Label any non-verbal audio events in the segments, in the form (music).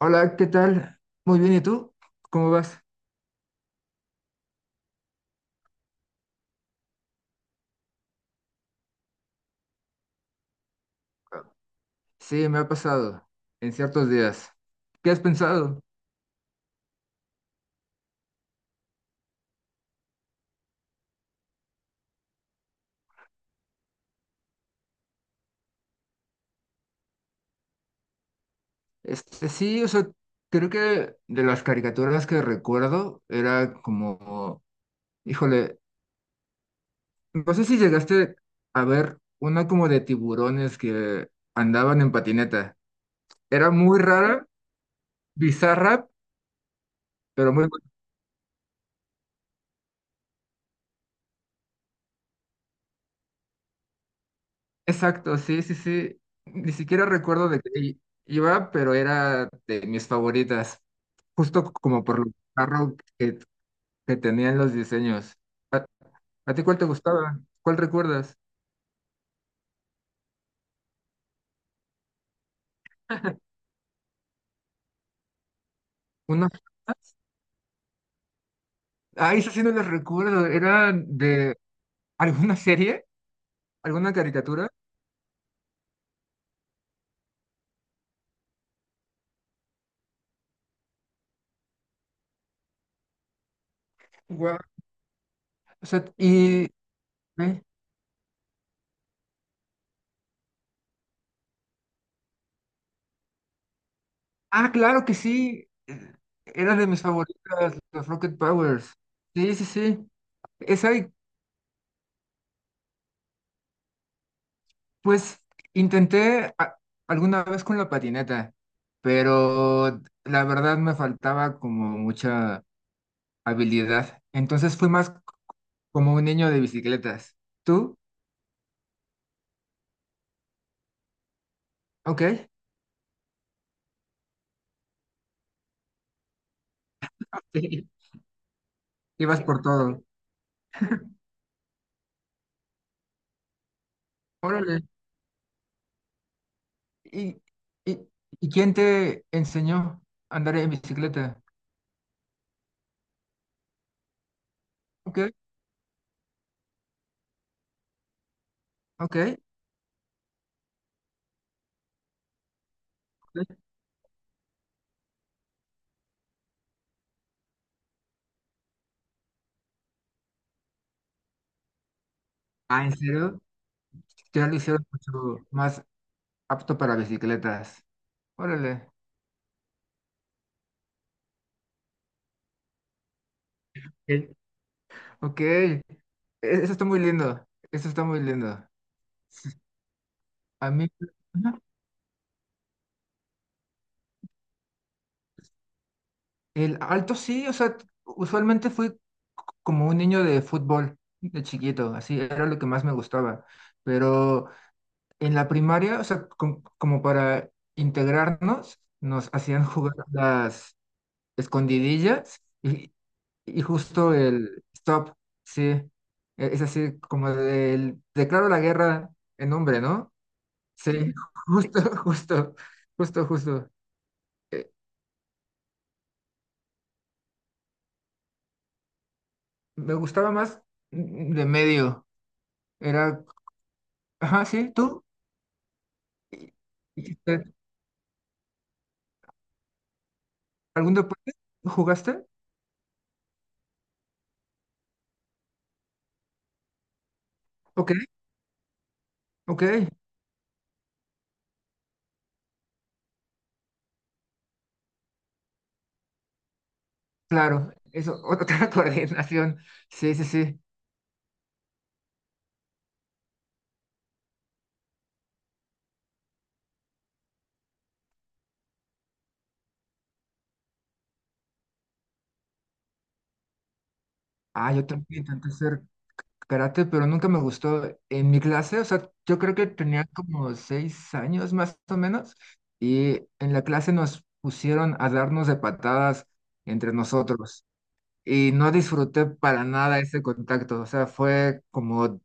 Hola, ¿qué tal? Muy bien, ¿y tú? ¿Cómo vas? Sí, me ha pasado en ciertos días. ¿Qué has pensado? Este, sí, o sea, creo que de las caricaturas que recuerdo era como, híjole, no sé si llegaste a ver una como de tiburones que andaban en patineta. Era muy rara, bizarra, pero muy exacto, sí, sí, sí. Ni siquiera recuerdo de qué iba, pero era de mis favoritas, justo como por lo carro que, tenían los diseños. ¿A, a ti cuál te gustaba? ¿Cuál recuerdas? ¿Uno? Ah, eso sí no les recuerdo. ¿Era de alguna serie? ¿Alguna caricatura? Guau. O sea, y... ¿eh? Ah, claro que sí. Era de mis favoritas, los Rocket Powers. Sí, sí, sí. Esa y pues intenté alguna vez con la patineta, pero la verdad me faltaba como mucha habilidad. Entonces fui más como un niño de bicicletas. ¿Tú? Ok. (laughs) Sí. Ibas por todo. Órale. ¿Y, y, y quién te enseñó a andar en bicicleta? Ok, ok. Ok. Ah, ¿en serio? Ya lo hicieron mucho más apto para bicicletas. Órale. Ok, eso está muy lindo, eso está muy lindo. A mí, ajá. El alto sí, o sea, usualmente fui como un niño de fútbol de chiquito, así era lo que más me gustaba. Pero en la primaria, o sea, como para integrarnos, nos hacían jugar las escondidillas y justo el stop, sí, es así como del declaro la guerra en nombre, ¿no? Sí, (laughs) justo, justo, justo, justo. Eh, Me gustaba más de medio. Era, ajá, sí, tú. ¿Y hiciste algún deporte jugaste? Ok, ok, claro. Eso, otra (laughs) coordinación. Sí, sí, sí. Ah, yo también intenté hacer karate, pero nunca me gustó en mi clase. O sea, yo creo que tenía como 6 años más o menos. Y en la clase nos pusieron a darnos de patadas entre nosotros. Y no disfruté para nada ese contacto, o sea, fue como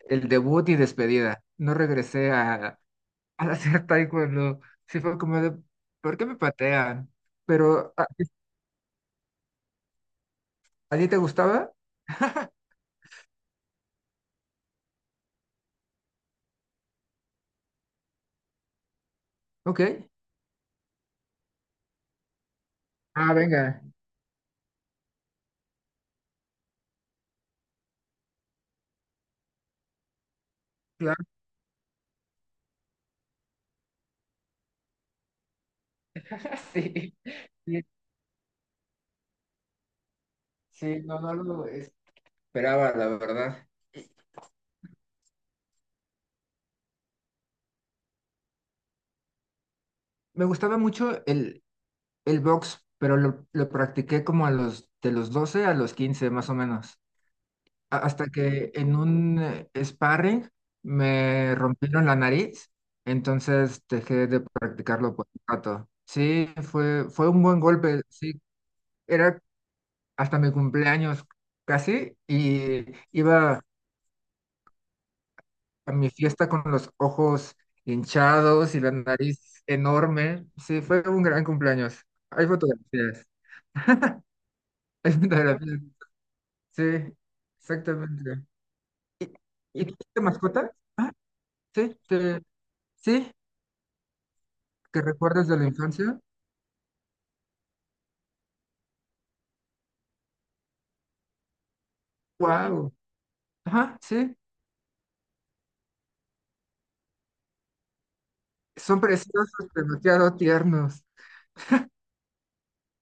el debut y despedida. No regresé a, (laughs) a hacer taekwondo, sí fue como de, ¿por qué me patean? Pero, ¿a ti te gustaba? Ok. Ah, venga, claro. (laughs) Sí, sí, sí, no, no lo esperaba, la verdad. Y me gustaba mucho el box, pero lo practiqué como a los, de los 12 a los 15 más o menos. Hasta que en un sparring me rompieron la nariz, entonces dejé de practicarlo por un rato. Sí, fue, fue un buen golpe, sí, era hasta mi cumpleaños casi y iba a mi fiesta con los ojos hinchados y la nariz enorme. Sí, fue un gran cumpleaños. Hay fotografías, (laughs) hay fotografías, sí, exactamente. ¿Y, y tú tienes mascota? Ah, sí, sí, ¿que recuerdas de la infancia? ¡Wow! Ajá, sí. Son preciosos, demasiado tiernos.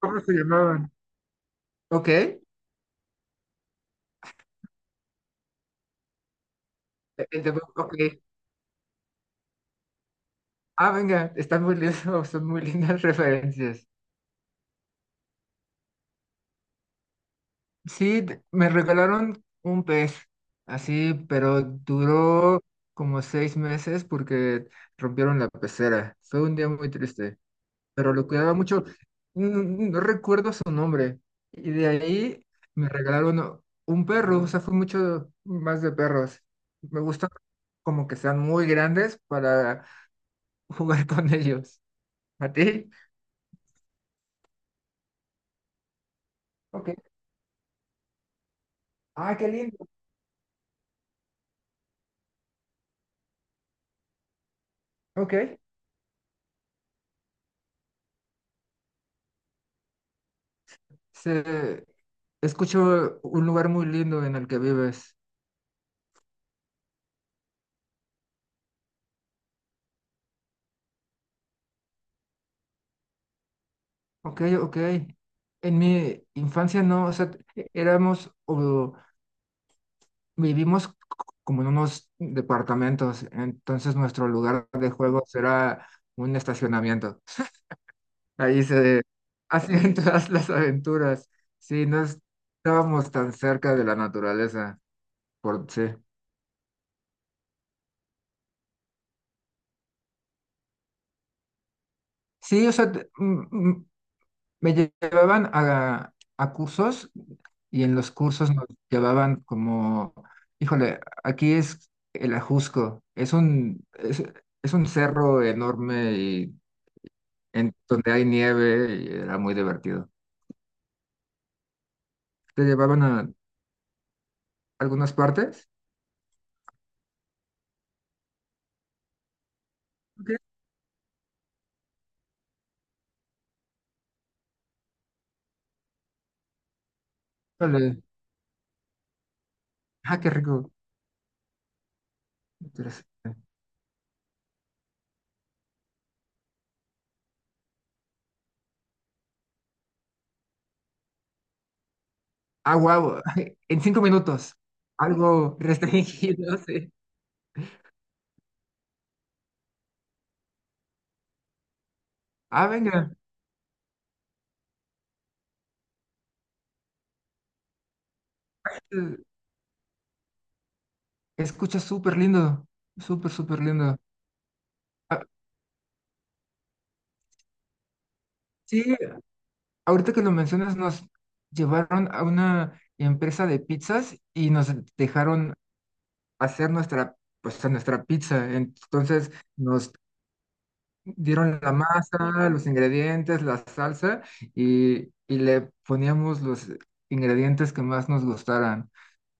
¿Cómo se llamaban? Ok. El de Bob, ok. Ah, venga, están muy lindos, son muy lindas (laughs) referencias. Sí, me regalaron un pez, así, pero duró como 6 meses porque rompieron la pecera. Fue un día muy triste. Pero lo cuidaba mucho. No, no recuerdo su nombre. Y de ahí me regalaron un perro, o sea, fue mucho más de perros. Me gusta como que sean muy grandes para (laughs) jugar con ellos. ¿A ti? Ok. Ah, qué lindo. Ok. Se, escucho un lugar muy lindo en el que vives. Ok, ok. En mi infancia no, o sea, éramos o vivimos como en unos departamentos, entonces nuestro lugar de juego será un estacionamiento. Ahí se hacían (laughs) todas las aventuras. Sí, no estábamos tan cerca de la naturaleza, por sí. Sí, o sea, me llevaban a cursos y en los cursos nos llevaban como, híjole, aquí es el Ajusco, es un cerro enorme y en donde hay nieve y era muy divertido. ¿Te llevaban a algunas partes? Ok, vale. Ah, qué rico. Interesante. Ah, wow. (laughs) En 5 minutos. Algo (laughs) restringido, sí. Ah, venga. Eh, Escucha súper lindo. Súper, súper lindo. Ah, sí, ahorita que lo mencionas, nos llevaron a una empresa de pizzas y nos dejaron hacer nuestra, pues, a nuestra pizza. Entonces nos dieron la masa, los ingredientes, la salsa y le poníamos los ingredientes que más nos gustaran.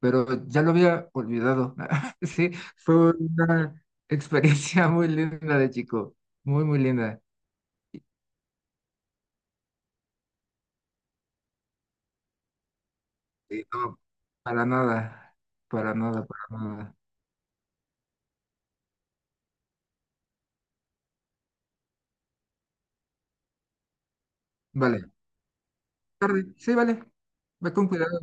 Pero ya lo había olvidado. (laughs) Sí, fue una experiencia (laughs) muy linda de chico, muy, muy linda. Y, y no, para nada, para nada, para nada. Vale, tarde, sí, vale, ve con cuidado.